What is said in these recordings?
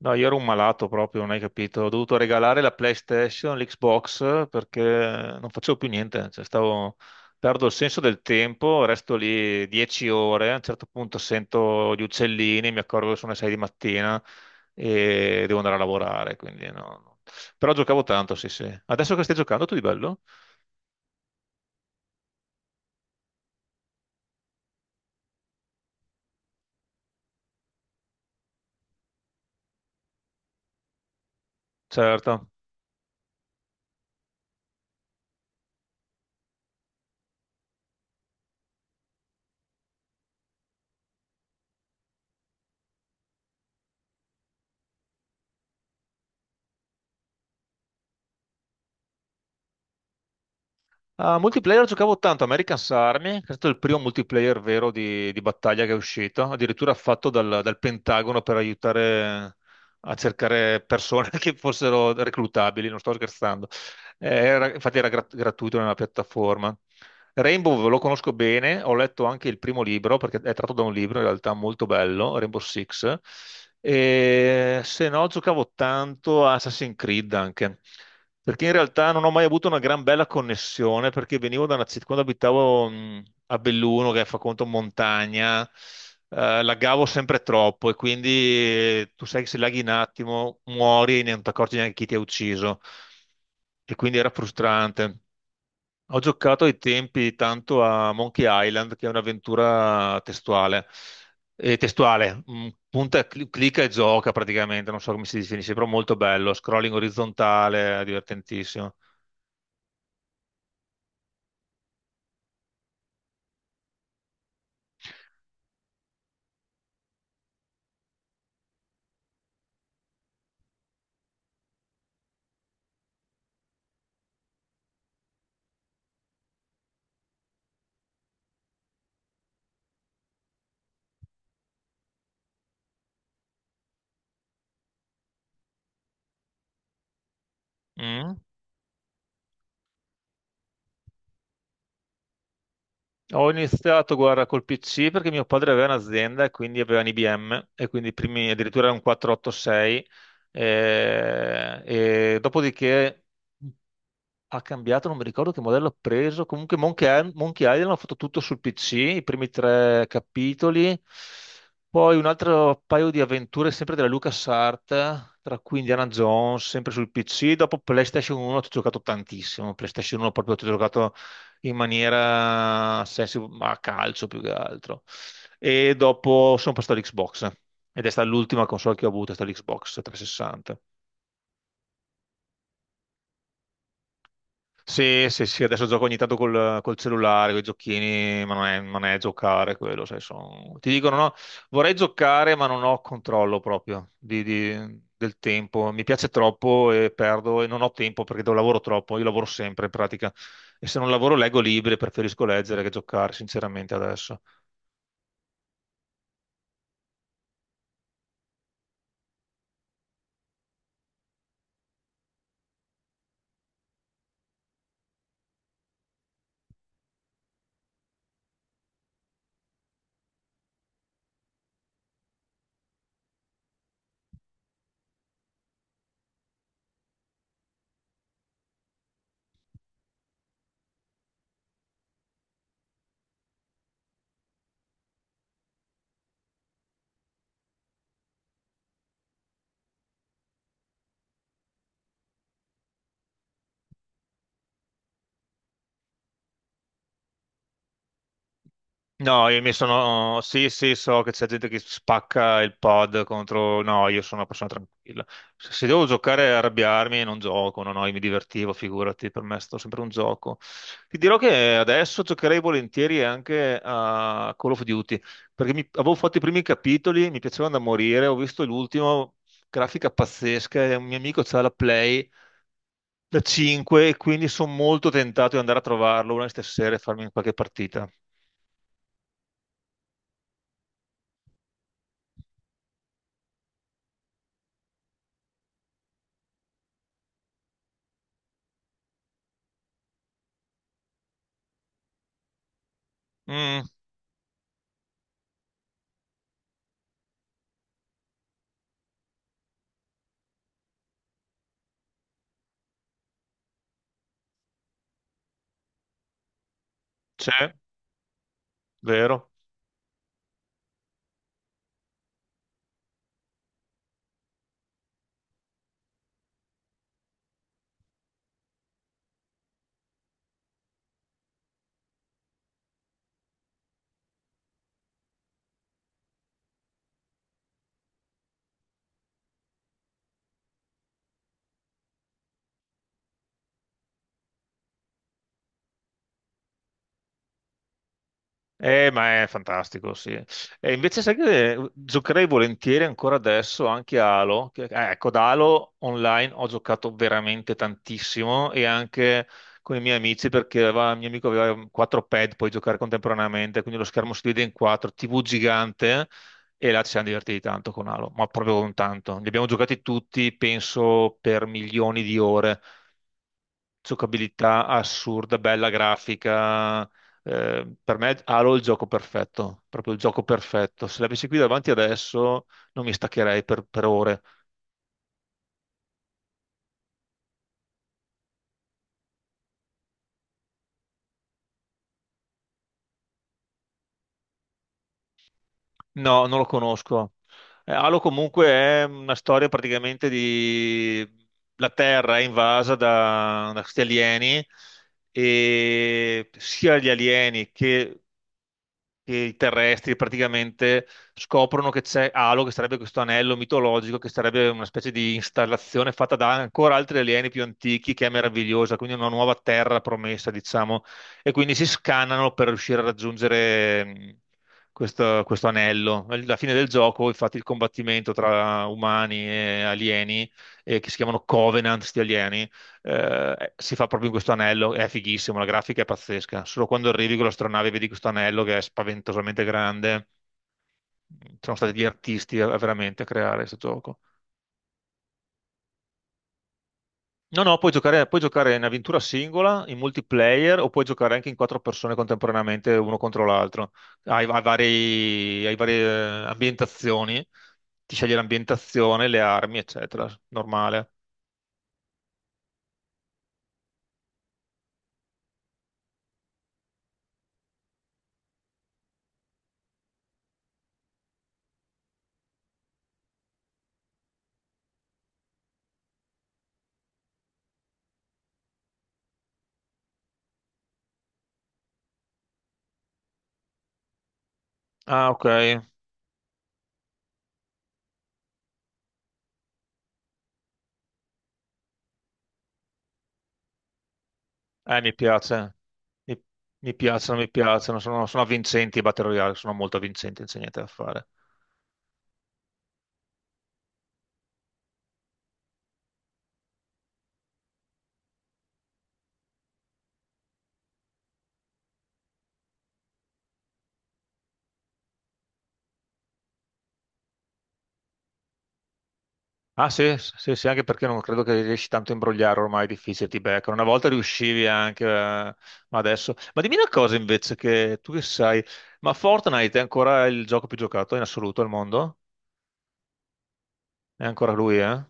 No, io ero un malato proprio, non hai capito. Ho dovuto regalare la PlayStation, l'Xbox perché non facevo più niente. Cioè, stavo. Perdo il senso del tempo, resto lì 10 ore. A un certo punto sento gli uccellini, mi accorgo che sono le 6 di mattina e devo andare a lavorare. Quindi no, no. Però giocavo tanto, sì, sì. Adesso che stai giocando tu di bello? Certo. A multiplayer giocavo tanto, American's Army, che è stato il primo multiplayer vero di battaglia che è uscito, addirittura fatto dal Pentagono per aiutare a cercare persone che fossero reclutabili, non sto scherzando. Infatti era gratuito nella piattaforma. Rainbow lo conosco bene, ho letto anche il primo libro perché è tratto da un libro in realtà molto bello, Rainbow Six. E se no, giocavo tanto a Assassin's Creed anche perché in realtà non ho mai avuto una gran bella connessione perché venivo da una città quando abitavo a Belluno, che fa conto montagna, laggavo sempre troppo e quindi tu sai che se laghi un attimo muori e non ti accorgi neanche chi ti ha ucciso e quindi era frustrante. Ho giocato ai tempi tanto a Monkey Island, che è un'avventura testuale, punta, e clicca e gioca praticamente, non so come si definisce, però molto bello, scrolling orizzontale, divertentissimo. Mm. Ho iniziato, guarda, col PC perché mio padre aveva un'azienda e quindi aveva un IBM e quindi i primi, addirittura era un 486 e dopodiché ha cambiato, non mi ricordo che modello ha preso. Comunque Monkey Island l'ha fatto tutto sul PC, i primi tre capitoli. Poi un altro paio di avventure sempre della LucasArts, tra cui Indiana Jones, sempre sul PC. Dopo PlayStation 1 ci ho giocato tantissimo. PlayStation 1 proprio ci ho giocato ma a calcio più che altro. E dopo sono passato all'Xbox. Ed è stata l'ultima console che ho avuto, è stata l'Xbox 360. Sì, sì, sì, adesso gioco ogni tanto col cellulare, con i giochini, ma non è giocare quello, sai, ti dicono, no, vorrei giocare, ma non ho controllo proprio del tempo. Mi piace troppo e perdo e non ho tempo perché lavoro troppo, io lavoro sempre in pratica. E se non lavoro leggo libri, preferisco leggere che giocare, sinceramente, adesso. No, io mi sono. Sì, sì, so che c'è gente che spacca il pod contro. No, io sono una persona tranquilla. Se devo giocare e arrabbiarmi, non gioco. No, no, io mi divertivo, figurati, per me è stato sempre un gioco. Ti dirò che adesso giocherei volentieri anche a Call of Duty, perché avevo fatto i primi capitoli, mi piacevano da morire. Ho visto l'ultimo, grafica pazzesca, e un mio amico c'ha la Play da 5, e quindi sono molto tentato di andare a trovarlo una di queste sere e farmi qualche partita. Mm. C'è? Vero? Ma è fantastico, sì. E invece sai che giocherei volentieri ancora adesso anche a Halo. Ecco, ad Halo online ho giocato veramente tantissimo e anche con i miei amici perché il mio amico aveva quattro pad, puoi giocare contemporaneamente, quindi lo schermo si divide in quattro, TV gigante e là ci siamo divertiti tanto con Halo, ma proprio con tanto. Li abbiamo giocati tutti, penso, per milioni di ore. Giocabilità assurda, bella grafica. Per me Halo è il gioco perfetto, proprio il gioco perfetto. Se l'avessi qui davanti adesso non mi staccherei per ore. No, non lo conosco. Halo comunque è una storia praticamente di. La Terra è invasa da questi alieni e sia gli alieni che i terrestri praticamente scoprono che c'è Halo, che sarebbe questo anello mitologico, che sarebbe una specie di installazione fatta da ancora altri alieni più antichi, che è meravigliosa, quindi una nuova terra promessa, diciamo, e quindi si scannano per riuscire a raggiungere questo anello. Alla fine del gioco, infatti, il combattimento tra umani e alieni, che si chiamano Covenant, sti alieni, si fa proprio in questo anello, è fighissimo, la grafica è pazzesca. Solo quando arrivi con l'astronave e vedi questo anello che è spaventosamente grande. Sono stati gli artisti veramente a creare questo gioco. No, no, puoi giocare in avventura singola, in multiplayer o puoi giocare anche in quattro persone contemporaneamente, uno contro l'altro. Hai varie ambientazioni, ti scegli l'ambientazione, le armi, eccetera. Normale. Ah, ok. Mi piace, mi, mi piacciono, sono avvincenti i Battle Royale, sono molto avvincenti, non c'è niente da fare. Ah sì, sì, sì, anche perché non credo che riesci tanto a imbrogliare ormai, è difficile, ti beccano. Una volta riuscivi anche, ma adesso. Ma dimmi una cosa invece, che tu che sai, ma Fortnite è ancora il gioco più giocato in assoluto al mondo? È ancora lui, eh?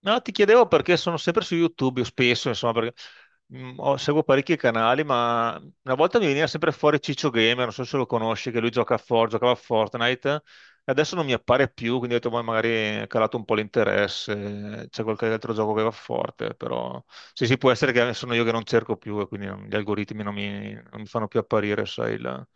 No, ti chiedevo perché sono sempre su YouTube, io spesso, insomma, perché seguo parecchi canali, ma una volta mi veniva sempre fuori Ciccio Gamer, non so se lo conosci, che lui giocava a Fortnite, e adesso non mi appare più, quindi ho detto, "Ma magari è calato un po' l'interesse, c'è qualche altro gioco che va forte, però sì, sì, può essere che sono io che non cerco più e quindi gli algoritmi non mi fanno più apparire, sai, il."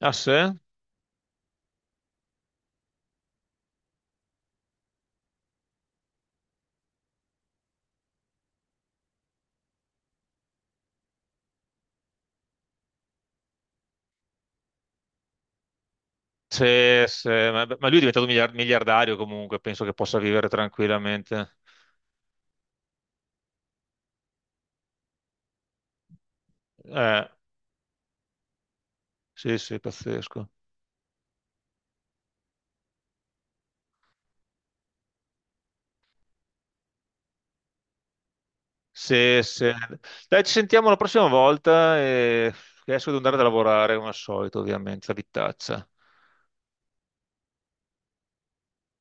Ah, sì? Sì, sì, ma lui è diventato miliardario comunque, penso che possa vivere tranquillamente. Eh, Sì, sì, pazzesco. Sì, sì. Dai, ci sentiamo la prossima volta e adesso devo andare a lavorare come al solito, ovviamente, la vitaccia.